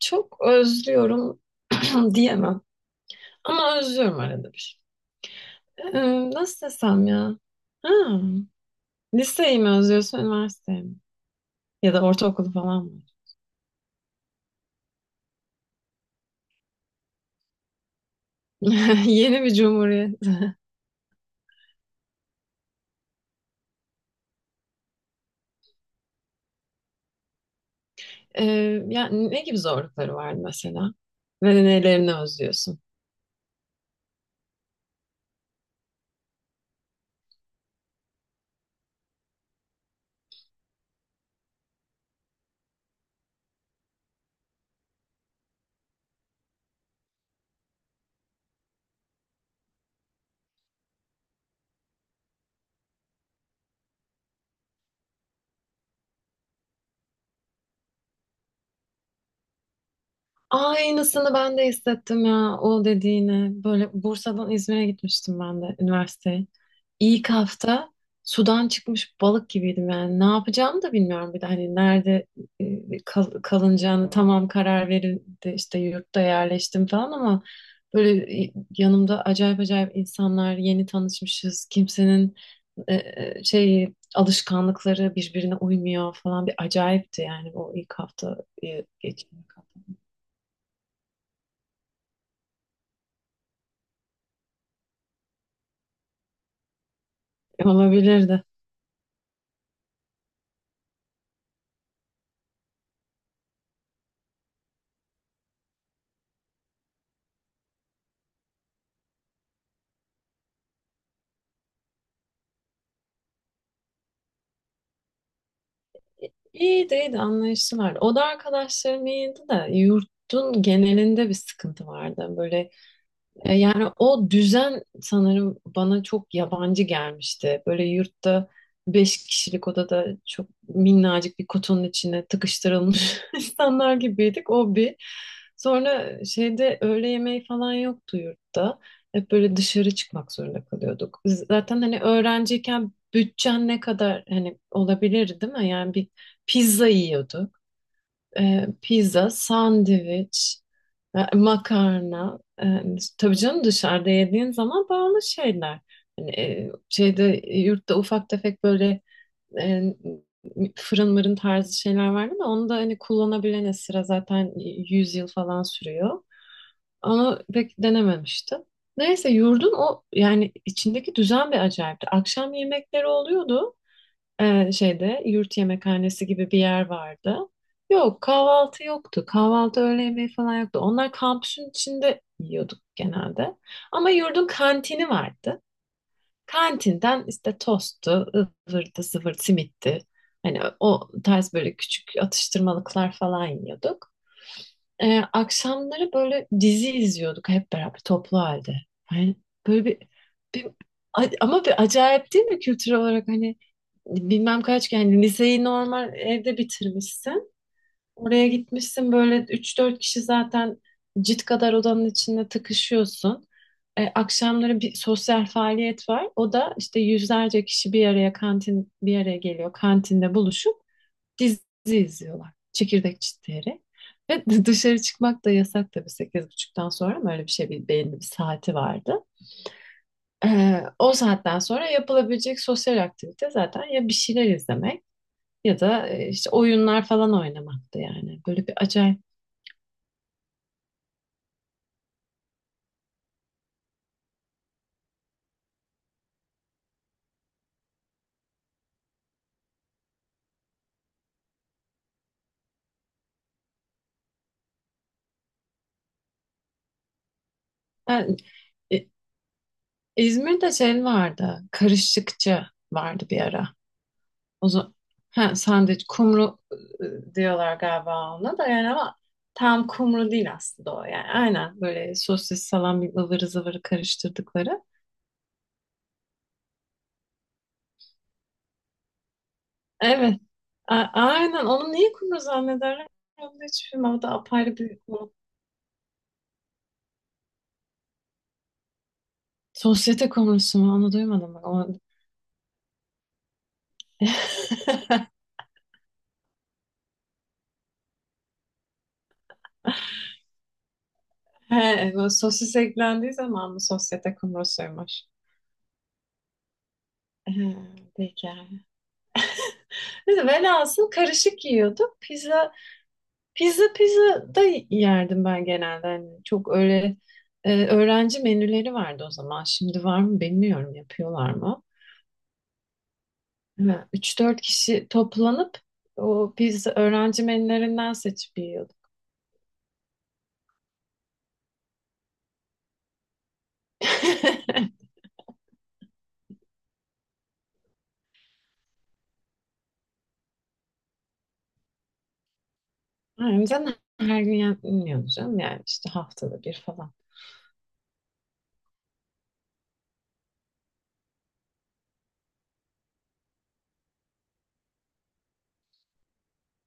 Çok özlüyorum diyemem. Ama özlüyorum arada bir. Nasıl desem ya? Ha, liseyi mi özlüyorsun, üniversiteyi mi? Ya da ortaokulu falan mı? Yeni bir cumhuriyet. Ee, Yani ne gibi zorlukları vardı mesela? Ve nelerini özlüyorsun? Aynısını ben de hissettim ya o dediğine. Böyle Bursa'dan İzmir'e gitmiştim ben de üniversiteye. İlk hafta sudan çıkmış balık gibiydim yani. Ne yapacağımı da bilmiyorum bir de hani nerede kalınacağını, tamam, karar verildi, işte yurtta yerleştim falan ama böyle, yanımda acayip acayip insanlar, yeni tanışmışız. Kimsenin şey, alışkanlıkları birbirine uymuyor falan, bir acayipti yani o ilk hafta geçirmek olabilirdi. İyiydi, iyiydi, anlayışlılar. Oda arkadaşlarım iyiydi de yurtun genelinde bir sıkıntı vardı. Böyle, yani o düzen sanırım bana çok yabancı gelmişti. Böyle yurtta 5 kişilik odada çok minnacık bir kutunun içine tıkıştırılmış insanlar gibiydik. O bir. Sonra şeyde öğle yemeği falan yoktu yurtta. Hep böyle dışarı çıkmak zorunda kalıyorduk. Zaten hani öğrenciyken bütçen ne kadar hani olabilir değil mi? Yani bir pizza yiyorduk, pizza, sandviç, makarna. Tabii canım, dışarıda yediğin zaman pahalı şeyler. Hani, şeyde, yurtta ufak tefek böyle e, fırın mırın tarzı şeyler vardı ama onu da hani kullanabilene sıra zaten 100 yıl falan sürüyor. Onu pek denememiştim. Neyse, yurdun o yani içindeki düzen bir acayipti. Akşam yemekleri oluyordu, şeyde yurt yemekhanesi gibi bir yer vardı. Yok, kahvaltı yoktu. Kahvaltı, öğle yemeği falan yoktu. Onlar kampüsün içinde yiyorduk genelde. Ama yurdun kantini vardı. Kantinden işte tosttu, ıvırdı, zıvır, simitti. Hani o tarz böyle küçük atıştırmalıklar falan yiyorduk. Akşamları böyle dizi izliyorduk hep beraber toplu halde. Yani böyle bir- ama bir acayip değil mi kültür olarak, hani bilmem kaç yani, liseyi normal evde bitirmişsin. Oraya gitmişsin, böyle üç dört kişi zaten cid kadar odanın içinde tıkışıyorsun. Akşamları bir sosyal faaliyet var. O da işte yüzlerce kişi bir araya kantin bir araya geliyor. Kantinde buluşup dizi izliyorlar. Çekirdek çitleyerek. Ve dışarı çıkmak da yasak tabii, sekiz buçuktan sonra mı, öyle bir şey, bir belli bir saati vardı. O saatten sonra yapılabilecek sosyal aktivite zaten ya bir şeyler izlemek ya da işte oyunlar falan oynamaktı yani. Böyle bir acayip. Yani, e, İzmir'de şey vardı, karışıkçı vardı bir ara. O zaman, ha, sandviç kumru diyorlar galiba ona da yani, ama tam kumru değil aslında o yani. Aynen böyle sosis salam ıvırı zıvırı karıştırdıkları. Evet. Aynen, onu niye kumru zannederler? Onu da hiç bilmem. O da apayrı bir konu. Sosyete kumrusu mu? Onu duymadım ben. Onu... He, bu sosis eklendiği zaman mı sosyete kumrusuymuş? He, peki. Biz velhasıl karışık yiyorduk. Pizza da yerdim ben genelde. Hani çok öyle öğrenci menüleri vardı o zaman. Şimdi var mı bilmiyorum, yapıyorlar mı? Üç dört kişi toplanıp o pizza öğrenci menülerinden seçip yiyorduk. Yani sen her gün yapmıyordun canım yani, işte haftada bir falan.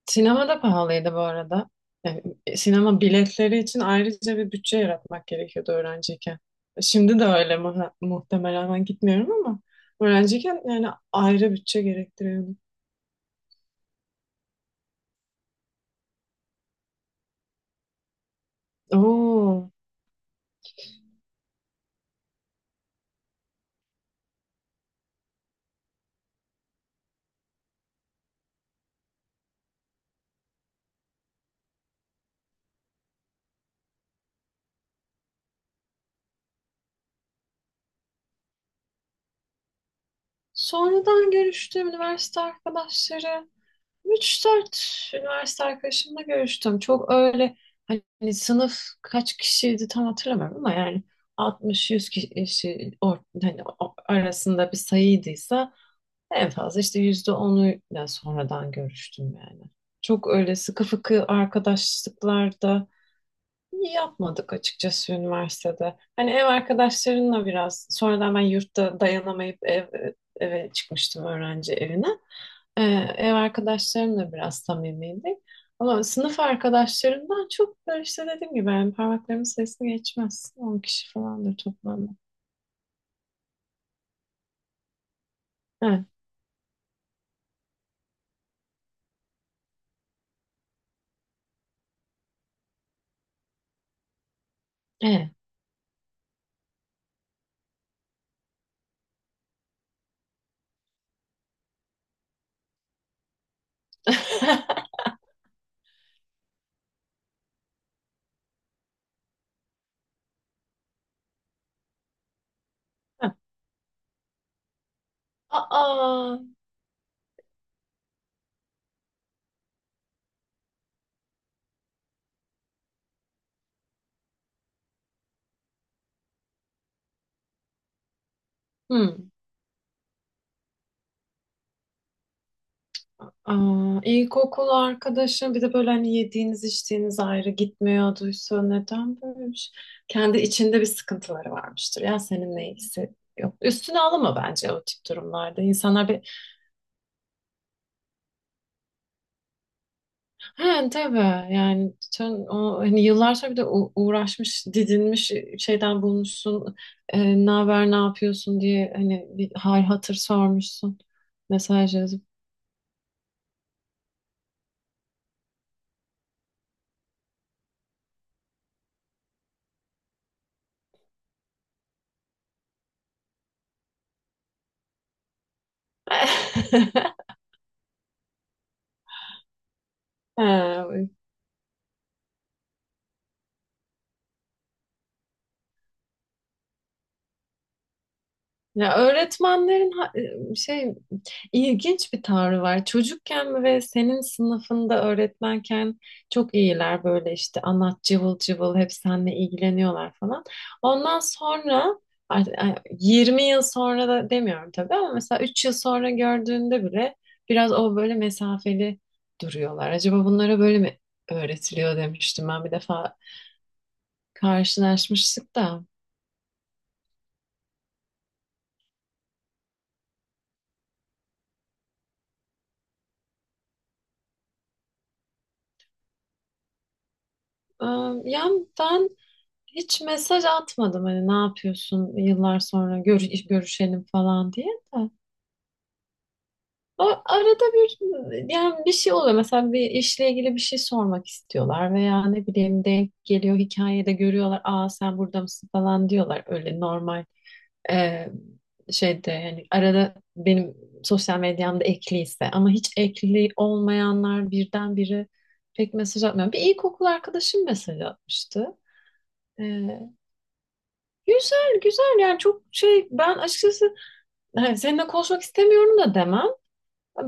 Sinema da pahalıydı bu arada. Yani sinema biletleri için ayrıca bir bütçe yaratmak gerekiyordu öğrenciyken. Şimdi de öyle muhtemelen ben gitmiyorum ama öğrenciyken yani ayrı bütçe gerektiriyordu. Oo. Sonradan görüştüğüm üniversite arkadaşları, üç dört üniversite arkadaşımla görüştüm. Çok öyle hani, sınıf kaç kişiydi tam hatırlamıyorum ama yani 60-100 kişi hani, arasında bir sayıydıysa, en fazla işte %10'uyla sonradan görüştüm yani. Çok öyle sıkı fıkı arkadaşlıklarda yapmadık açıkçası üniversitede. Hani ev arkadaşlarınla biraz, sonradan ben yurtta dayanamayıp eve çıkmıştım, öğrenci evine. Ee, Ev arkadaşlarımla biraz samimiydik. Ama sınıf arkadaşlarımdan çok böyle işte dediğim gibi yani, parmaklarımın sayısı geçmez. 10 kişi falandır toplamda. Evet. Evet. Aa. Hmm. Aa, ilkokul arkadaşım, bir de böyle hani yediğiniz içtiğiniz ayrı gitmiyorduysa, neden böyle, böylemiş? Kendi içinde bir sıkıntıları varmıştır. Ya seninle ilgisi yok. Üstüne alınma bence o tip durumlarda. İnsanlar bir, he tabii yani, sen o hani yıllar sonra, bir de uğraşmış, didinmiş şeyden bulmuşsun. Ne haber, ne yapıyorsun diye hani bir hal hatır sormuşsun. Mesaj yazıp. He, ya öğretmenlerin şey, ilginç bir tavrı var. Çocukken ve senin sınıfında öğretmenken çok iyiler, böyle işte anlat, cıvıl cıvıl, hep seninle ilgileniyorlar falan. Ondan sonra artık, ay, 20 yıl sonra da demiyorum tabii ama mesela 3 yıl sonra gördüğünde bile biraz o böyle mesafeli duruyorlar. Acaba bunlara böyle mi öğretiliyor, demiştim ben bir defa karşılaşmıştık da. Ee, Yani ben hiç mesaj atmadım, hani ne yapıyorsun, yıllar sonra görüşelim falan diye de. O, arada bir, yani bir şey oluyor. Mesela bir işle ilgili bir şey sormak istiyorlar veya ne bileyim, denk geliyor hikayede görüyorlar. Aa, sen burada mısın falan diyorlar. Öyle normal, e, şeyde yani, arada benim sosyal medyamda ekliyse, ama hiç ekli olmayanlar birdenbire pek mesaj atmıyor. Bir ilkokul arkadaşım mesaj atmıştı. Güzel, güzel yani, çok şey, ben açıkçası hani seninle konuşmak istemiyorum da demem.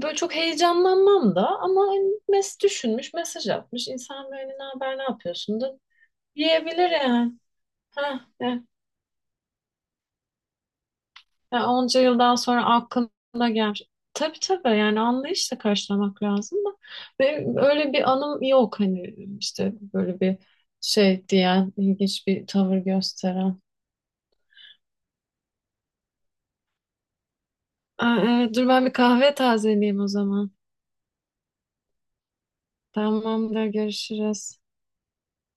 Böyle çok heyecanlanmam da, ama hani düşünmüş, mesaj atmış. İnsan böyle ne haber, ne yapıyorsun da diyebilir yani. Ha, heh. Yani onca yıldan sonra aklına gelmiş. Tabii tabii, yani anlayışla karşılamak lazım da. Benim öyle bir anım yok hani, işte böyle bir şey diyen, ilginç bir tavır gösteren. Aa, evet, dur ben bir kahve tazeleyeyim o zaman. Tamamdır, görüşürüz.